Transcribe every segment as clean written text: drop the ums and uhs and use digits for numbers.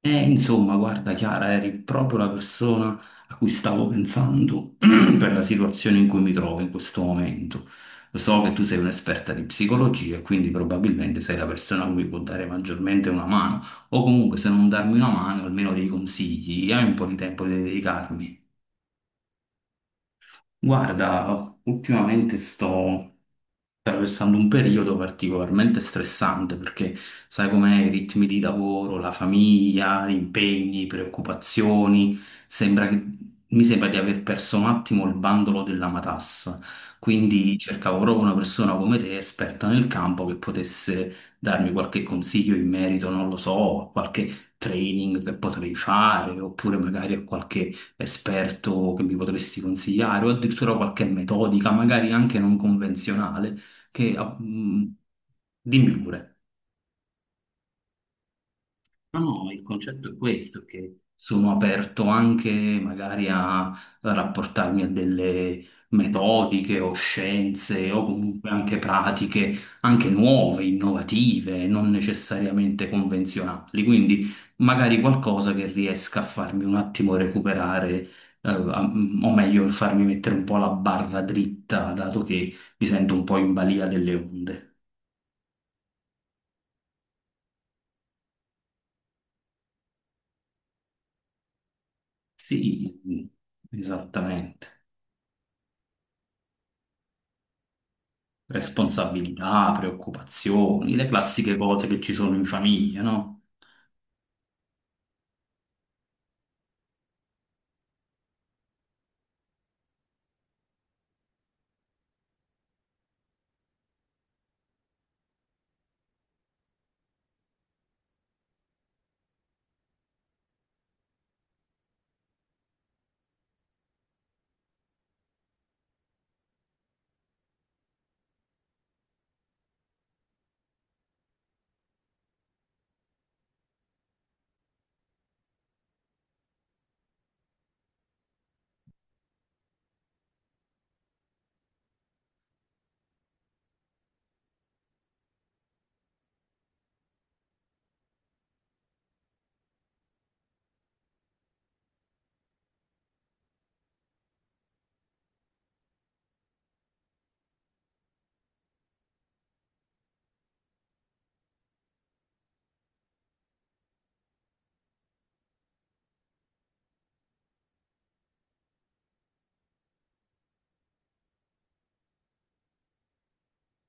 Insomma, guarda Chiara, eri proprio la persona a cui stavo pensando per la situazione in cui mi trovo in questo momento. Lo so che tu sei un'esperta di psicologia e quindi probabilmente sei la persona a cui può dare maggiormente una mano, o comunque se non darmi una mano, almeno dei consigli, hai un po' di tempo di dedicarmi. Guarda, ultimamente sto attraversando un periodo particolarmente stressante perché sai com'è, i ritmi di lavoro, la famiglia, gli impegni, preoccupazioni, sembra che, mi sembra di aver perso un attimo il bandolo della matassa. Quindi cercavo proprio una persona come te, esperta nel campo, che potesse darmi qualche consiglio in merito, non lo so, a qualche training che potrei fare, oppure magari a qualche esperto che mi potresti consigliare, o addirittura qualche metodica, magari anche non convenzionale che, ah, mh, dimmi pure. No, no, il concetto è questo, che sono aperto anche magari a rapportarmi a delle metodiche o scienze o comunque anche pratiche, anche nuove, innovative, non necessariamente convenzionali. Quindi magari qualcosa che riesca a farmi un attimo recuperare, o meglio, farmi mettere un po' la barra dritta, dato che mi sento un po' in balia delle onde. Sì, esattamente. Responsabilità, preoccupazioni, le classiche cose che ci sono in famiglia, no?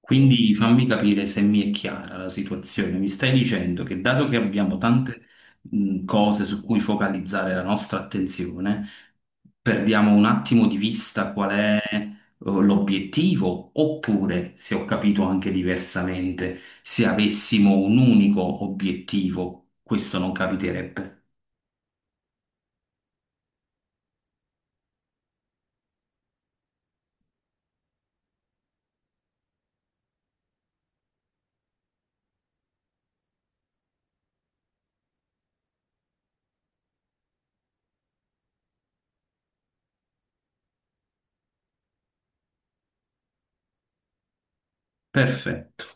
Quindi fammi capire se mi è chiara la situazione. Mi stai dicendo che dato che abbiamo tante cose su cui focalizzare la nostra attenzione, perdiamo un attimo di vista qual è l'obiettivo, oppure, se ho capito anche diversamente, se avessimo un unico obiettivo, questo non capiterebbe. Perfetto,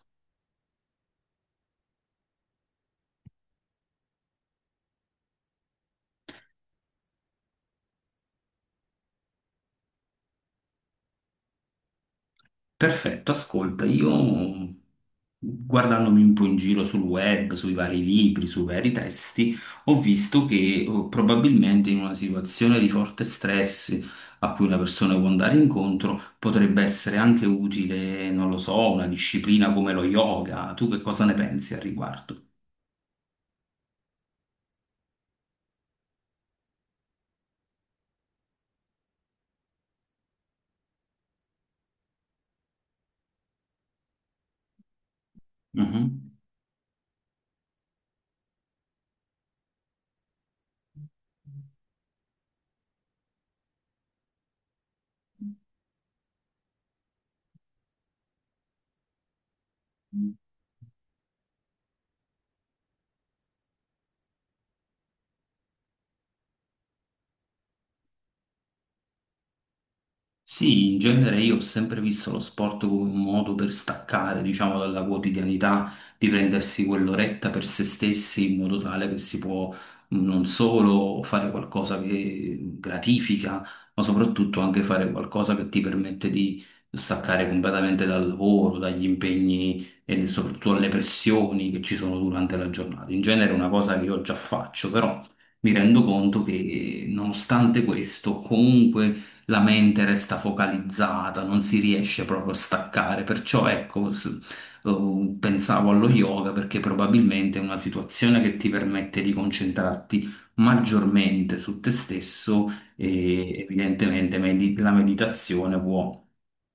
perfetto. Ascolta, io guardandomi un po' in giro sul web, sui vari libri, sui vari testi, ho visto che probabilmente in una situazione di forte stress a cui una persona può andare incontro potrebbe essere anche utile, non lo so, una disciplina come lo yoga. Tu che cosa ne pensi al riguardo? Mhm. Sì, in genere io ho sempre visto lo sport come un modo per staccare, diciamo, dalla quotidianità, di prendersi quell'oretta per se stessi in modo tale che si può non solo fare qualcosa che gratifica, ma soprattutto anche fare qualcosa che ti permette di staccare completamente dal lavoro, dagli impegni e soprattutto dalle pressioni che ci sono durante la giornata. In genere è una cosa che io già faccio, però mi rendo conto che nonostante questo, comunque la mente resta focalizzata, non si riesce proprio a staccare, perciò ecco, pensavo allo yoga perché probabilmente è una situazione che ti permette di concentrarti maggiormente su te stesso e evidentemente la meditazione può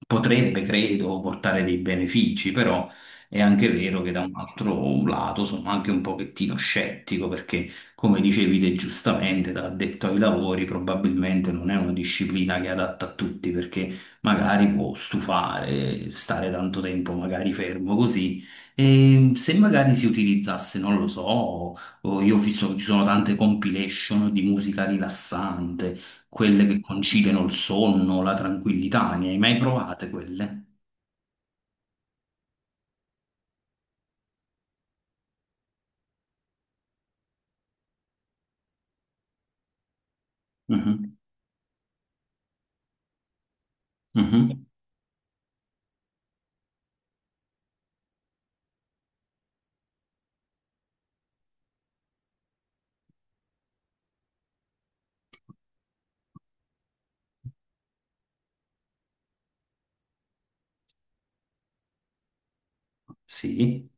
potrebbe, credo, portare dei benefici, però è anche vero che da un altro lato sono anche un pochettino scettico perché, come dicevi te giustamente, da addetto ai lavori probabilmente non è una disciplina che è adatta a tutti perché magari può stufare, stare tanto tempo magari fermo così. E se magari si utilizzasse, non lo so, o io ho visto che ci sono tante compilation di musica rilassante quelle che conciliano il sonno, la tranquillità. Ne hai mai provate quelle? Mhm, mhm, sì,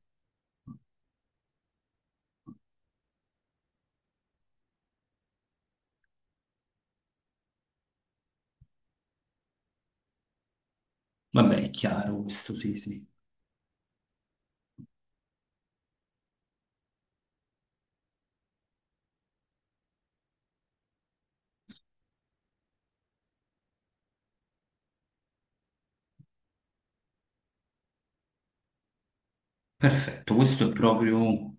vabbè, è chiaro questo, sì, sì. Perfetto, questo è proprio.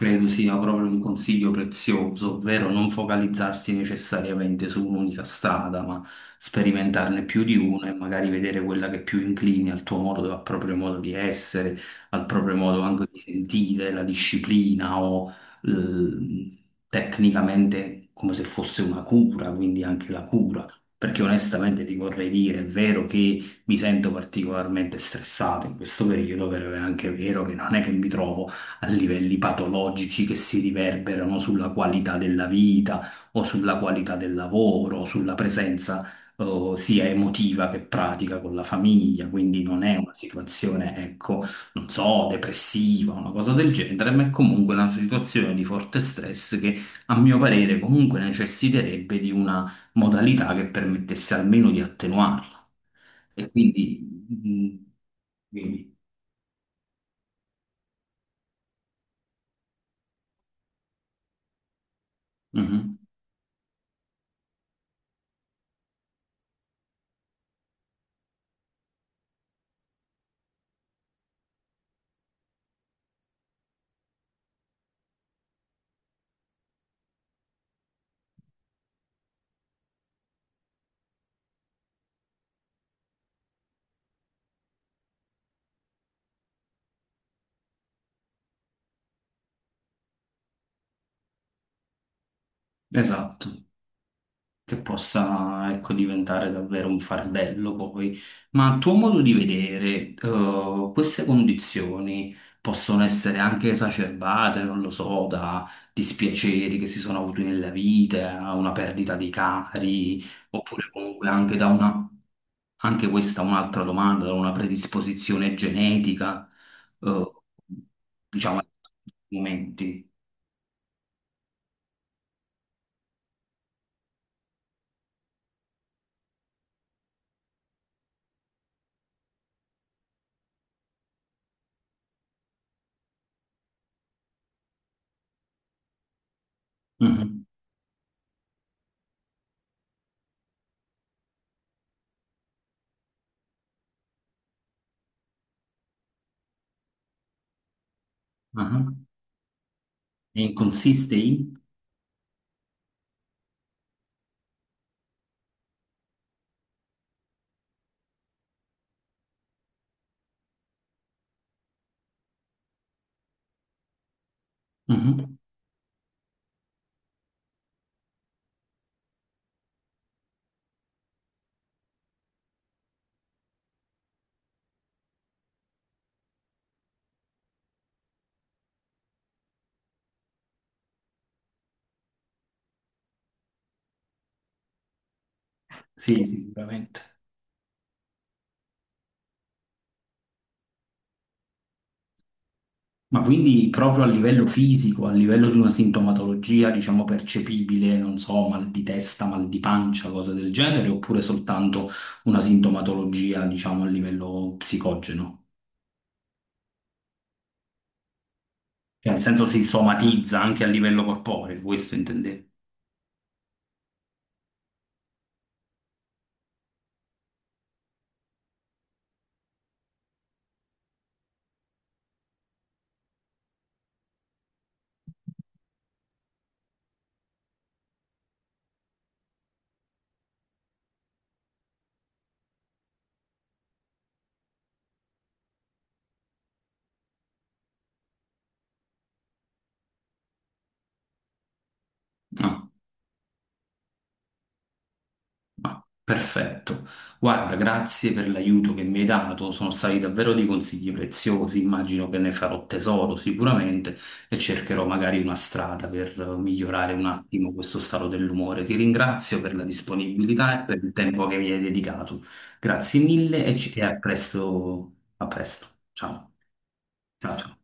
Credo sia proprio un consiglio prezioso, ovvero non focalizzarsi necessariamente su un'unica strada, ma sperimentarne più di una e magari vedere quella che più inclini al tuo modo, al proprio modo di essere, al proprio modo anche di sentire, la disciplina o tecnicamente come se fosse una cura, quindi anche la cura. Perché onestamente ti vorrei dire, è vero che mi sento particolarmente stressato in questo periodo, però è anche vero che non è che mi trovo a livelli patologici che si riverberano sulla qualità della vita o sulla qualità del lavoro o sulla presenza sia emotiva che pratica con la famiglia, quindi non è una situazione, ecco, non so, depressiva, una cosa del genere, ma è comunque una situazione di forte stress che a mio parere comunque necessiterebbe di una modalità che permettesse almeno di attenuarla. E quindi, mm, mm, quindi, mhm, esatto. Che possa, ecco, diventare davvero un fardello poi. Ma a tuo modo di vedere, queste condizioni possono essere anche esacerbate, non lo so, da dispiaceri che si sono avuti nella vita, una perdita di cari, oppure comunque anche da una, anche questa è un'altra domanda, da una predisposizione genetica, eh, diciamo, in alcuni momenti. Mhm, mhm. E consiste in? Mhm. Sì, sì, sicuramente. Ma quindi proprio a livello fisico, a livello di una sintomatologia, diciamo, percepibile, non so, mal di testa, mal di pancia, cose del genere, oppure soltanto una sintomatologia, diciamo, a livello psicogeno? Cioè, nel senso si somatizza anche a livello corporeo, questo intendevo. Ma perfetto. Guarda, grazie per l'aiuto che mi hai dato, sono stati davvero dei consigli preziosi, immagino che ne farò tesoro sicuramente e cercherò magari una strada per migliorare un attimo questo stato dell'umore. Ti ringrazio per la disponibilità e per il tempo che mi hai dedicato. Grazie mille e, e a presto, a presto. Ciao. Ciao, ciao.